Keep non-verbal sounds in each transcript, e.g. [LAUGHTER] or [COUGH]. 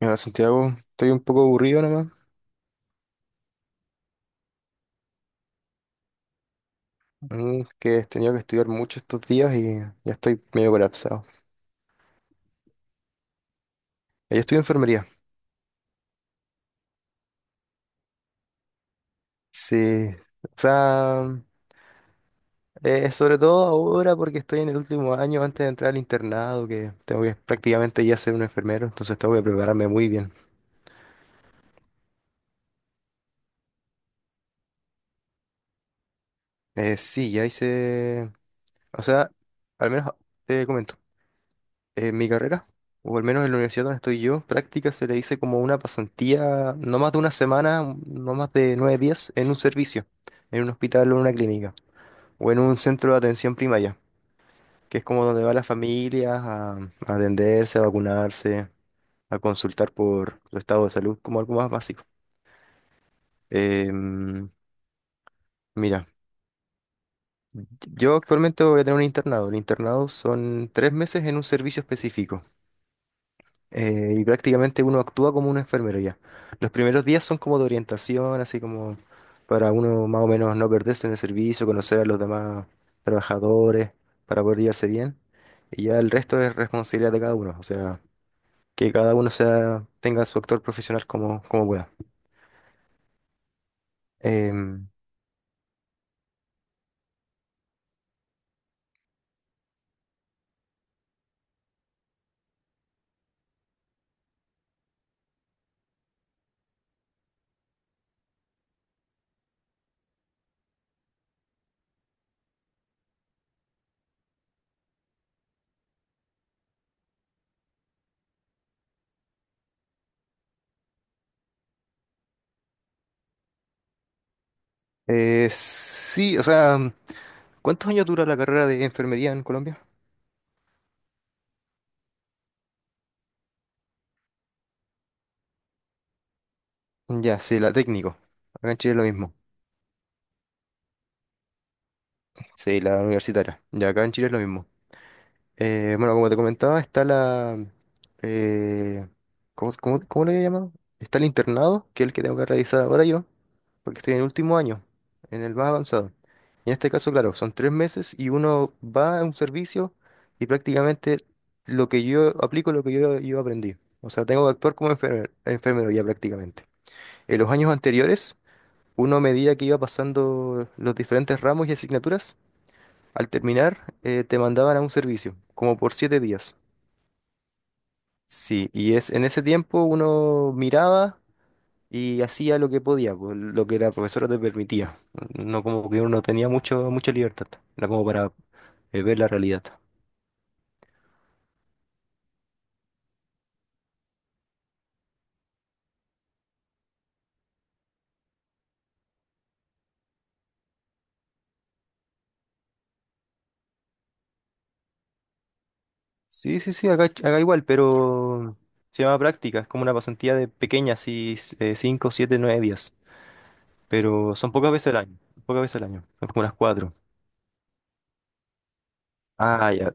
Mira, Santiago, estoy un poco aburrido nomás. A que he tenido que estudiar mucho estos días y ya estoy medio colapsado. Yo estudio enfermería. Sí, o sea, sobre todo ahora porque estoy en el último año antes de entrar al internado, que tengo que prácticamente ya ser un enfermero, entonces tengo que prepararme muy bien. Sí, ya hice, o sea, al menos te comento. En mi carrera, o al menos en la universidad donde estoy yo, práctica se le dice como una pasantía, no más de una semana, no más de nueve días, en un servicio, en un hospital o en una clínica, o en un centro de atención primaria, que es como donde va las familias a atenderse, a vacunarse, a consultar por su estado de salud, como algo más básico. Em, Mira, yo actualmente voy a tener un internado. El internado son tres meses en un servicio específico. Y prácticamente uno actúa como un enfermero ya. Los primeros días son como de orientación, así como para uno más o menos no perderse en el servicio, conocer a los demás trabajadores, para poder llevarse bien. Y ya el resto es responsabilidad de cada uno, o sea, que cada uno sea, tenga su actor profesional como, como pueda. Em, sí, o sea, ¿cuántos años dura la carrera de enfermería en Colombia? Ya, sí, la técnico. Acá en Chile es lo mismo. Sí, la universitaria. Ya, acá en Chile es lo mismo. Bueno, como te comentaba, está la... eh, ¿cómo le he llamado? Está el internado, que es el que tengo que realizar ahora yo, porque estoy en el último año, en el más avanzado. Y en este caso, claro, son tres meses y uno va a un servicio y prácticamente lo que yo aplico, es lo que yo aprendí. O sea, tengo que actuar como enfermero, ya prácticamente. En los años anteriores, uno a medida que iba pasando los diferentes ramos y asignaturas, al terminar, te mandaban a un servicio, como por siete días. Sí, y es en ese tiempo uno miraba y hacía lo que podía, pues, lo que la profesora te permitía. No como que uno tenía mucho, mucha libertad, era como para ver la realidad. Sí, sí, sí, acá igual, pero se llama práctica, es como una pasantía de pequeña, así 5, 7, 9 días. Pero son pocas veces al año, pocas veces al año, son como unas cuatro. Ah, ya.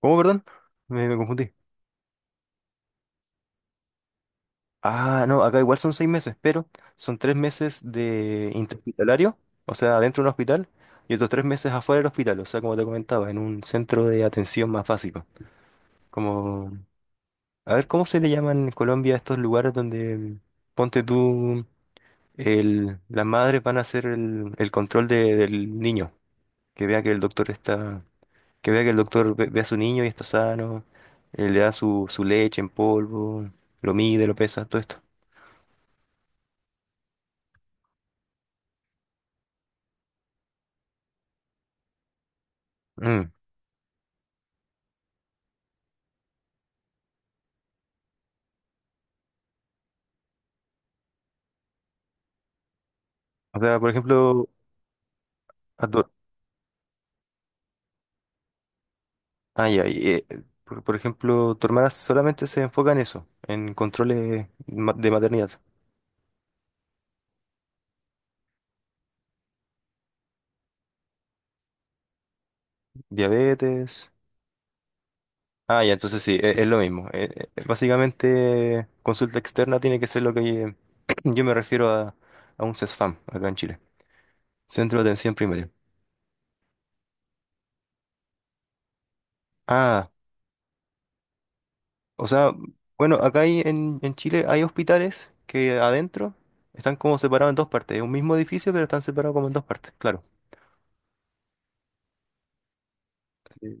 ¿Cómo, perdón? Me confundí. Ah, no, acá igual son seis meses, pero son tres meses de interhospitalario, o sea, dentro de un hospital, y otros tres meses afuera del hospital, o sea, como te comentaba, en un centro de atención más básico. Como, a ver, ¿cómo se le llaman en Colombia a estos lugares donde, ponte tú, las madres van a hacer el control del niño, que vea que el doctor está, que vea que el doctor ve a su niño y está sano, le da su leche en polvo, lo mide, lo pesa, todo esto. Mm. O sea, por ejemplo, Ah, tu- ay, ay, eh, por ejemplo, tu hermana solamente se enfoca en eso, en controles de maternidad, diabetes. Ah, ya, entonces sí, es, lo mismo. Básicamente, consulta externa tiene que ser lo que [CLEARS THROAT] yo me refiero a un CESFAM acá en Chile, Centro de Atención Primaria. Ah, o sea, bueno, acá hay, en Chile hay hospitales que adentro están como separados en dos partes. Es un mismo edificio, pero están separados como en dos partes, claro. Sí,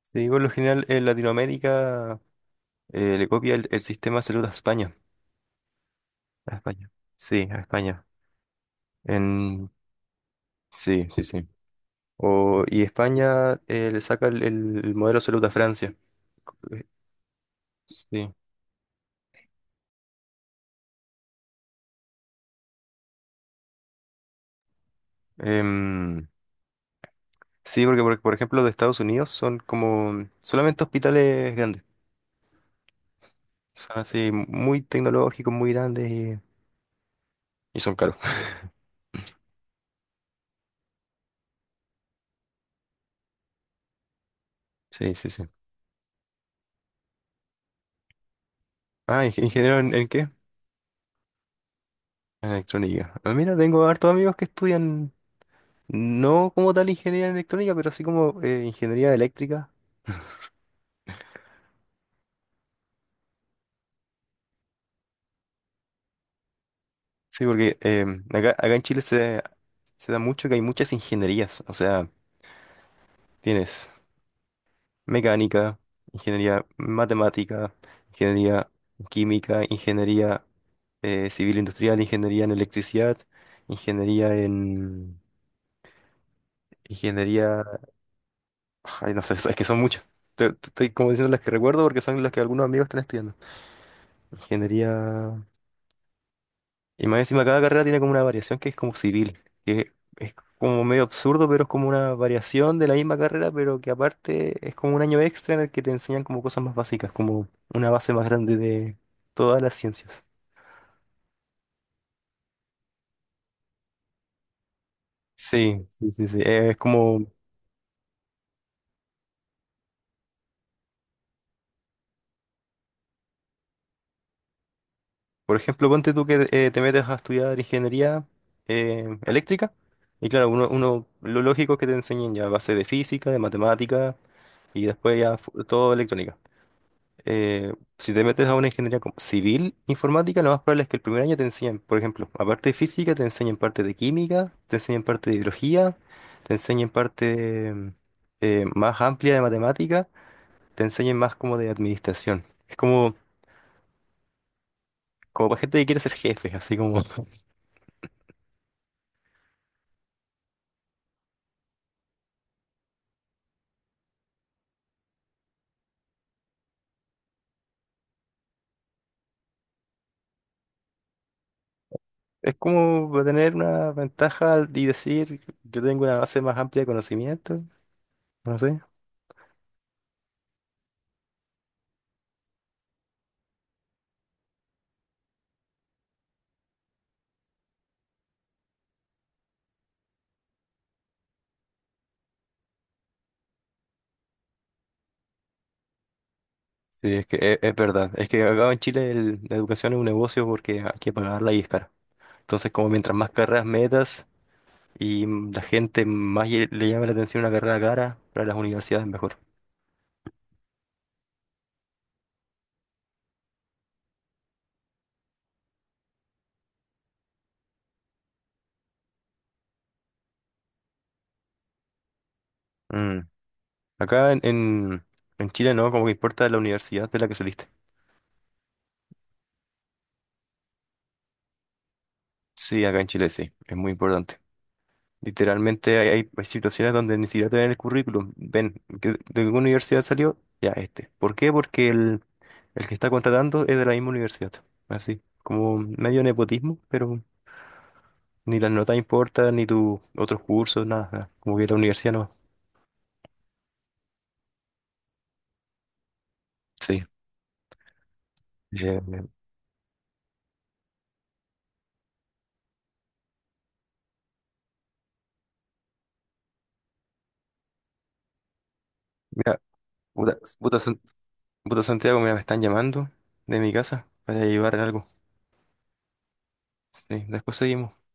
sí, por lo general en Latinoamérica. Le copia el sistema de salud a España. A España. Sí, a España. En... Sí, sí, sí. O, y España le saca el modelo de salud a Francia. Eh, Sí. Em, sí, porque por ejemplo de Estados Unidos son como solamente hospitales grandes. O sea, sí, muy tecnológicos, muy grandes y son caros. [LAUGHS] Sí, sí, sí. Ah, ingeniero en qué? En electrónica. Ah, mira, tengo hartos amigos que estudian. No como tal ingeniería en electrónica, pero así como ingeniería eléctrica. Sí, porque acá en Chile se, se da mucho que hay muchas ingenierías. O sea, tienes mecánica, ingeniería matemática, ingeniería química, ingeniería civil industrial, ingeniería en electricidad, ingeniería en... Ingeniería... Ay, no sé, [LAUGHS] es que son muchas. Te estoy como diciendo las que recuerdo porque son las que algunos amigos están estudiando. Ingeniería... Y más encima cada carrera tiene como una variación que es como civil, que es como medio absurdo, pero es como una variación de la misma carrera, pero que aparte es como un año extra en el que te enseñan como cosas más básicas, como una base más grande de todas las ciencias. Sí, sí, sí, sí. Es como, por ejemplo, ponte tú que te metes a estudiar ingeniería eléctrica, y claro, lo lógico es que te enseñen ya base de física, de matemática, y después ya todo electrónica. Si te metes a una ingeniería como civil informática, lo más probable es que el primer año te enseñen, por ejemplo, aparte de física, te enseñen parte de química, te enseñen parte de biología, te enseñen parte más amplia de matemática, te enseñen más como de administración. Es como, como para gente que quiere ser jefe, así como... [LAUGHS] Es como para tener una ventaja y decir, yo tengo una base más amplia de conocimiento, no sé. Sí, es que es verdad. Es que acá en Chile la educación es un negocio porque hay que pagarla y es cara. Entonces, como mientras más carreras metas y la gente más le llame la atención una carrera cara, para las universidades mejor. Mm. Acá en Chile no, como que importa la universidad de la que saliste. Sí, acá en Chile sí, es muy importante. Literalmente hay, hay situaciones donde ni siquiera te ven el currículum. Ven, ¿de qué universidad salió? Ya, este. ¿Por qué? Porque el que está contratando es de la misma universidad. Así, como medio nepotismo, pero ni las notas importan, ni tus otros cursos, nada, nada. Como que la universidad no. Sí. Bien, bien. Mira, puta, puta San- puta Santiago, mira, me están llamando de mi casa para llevar algo. Sí, después seguimos.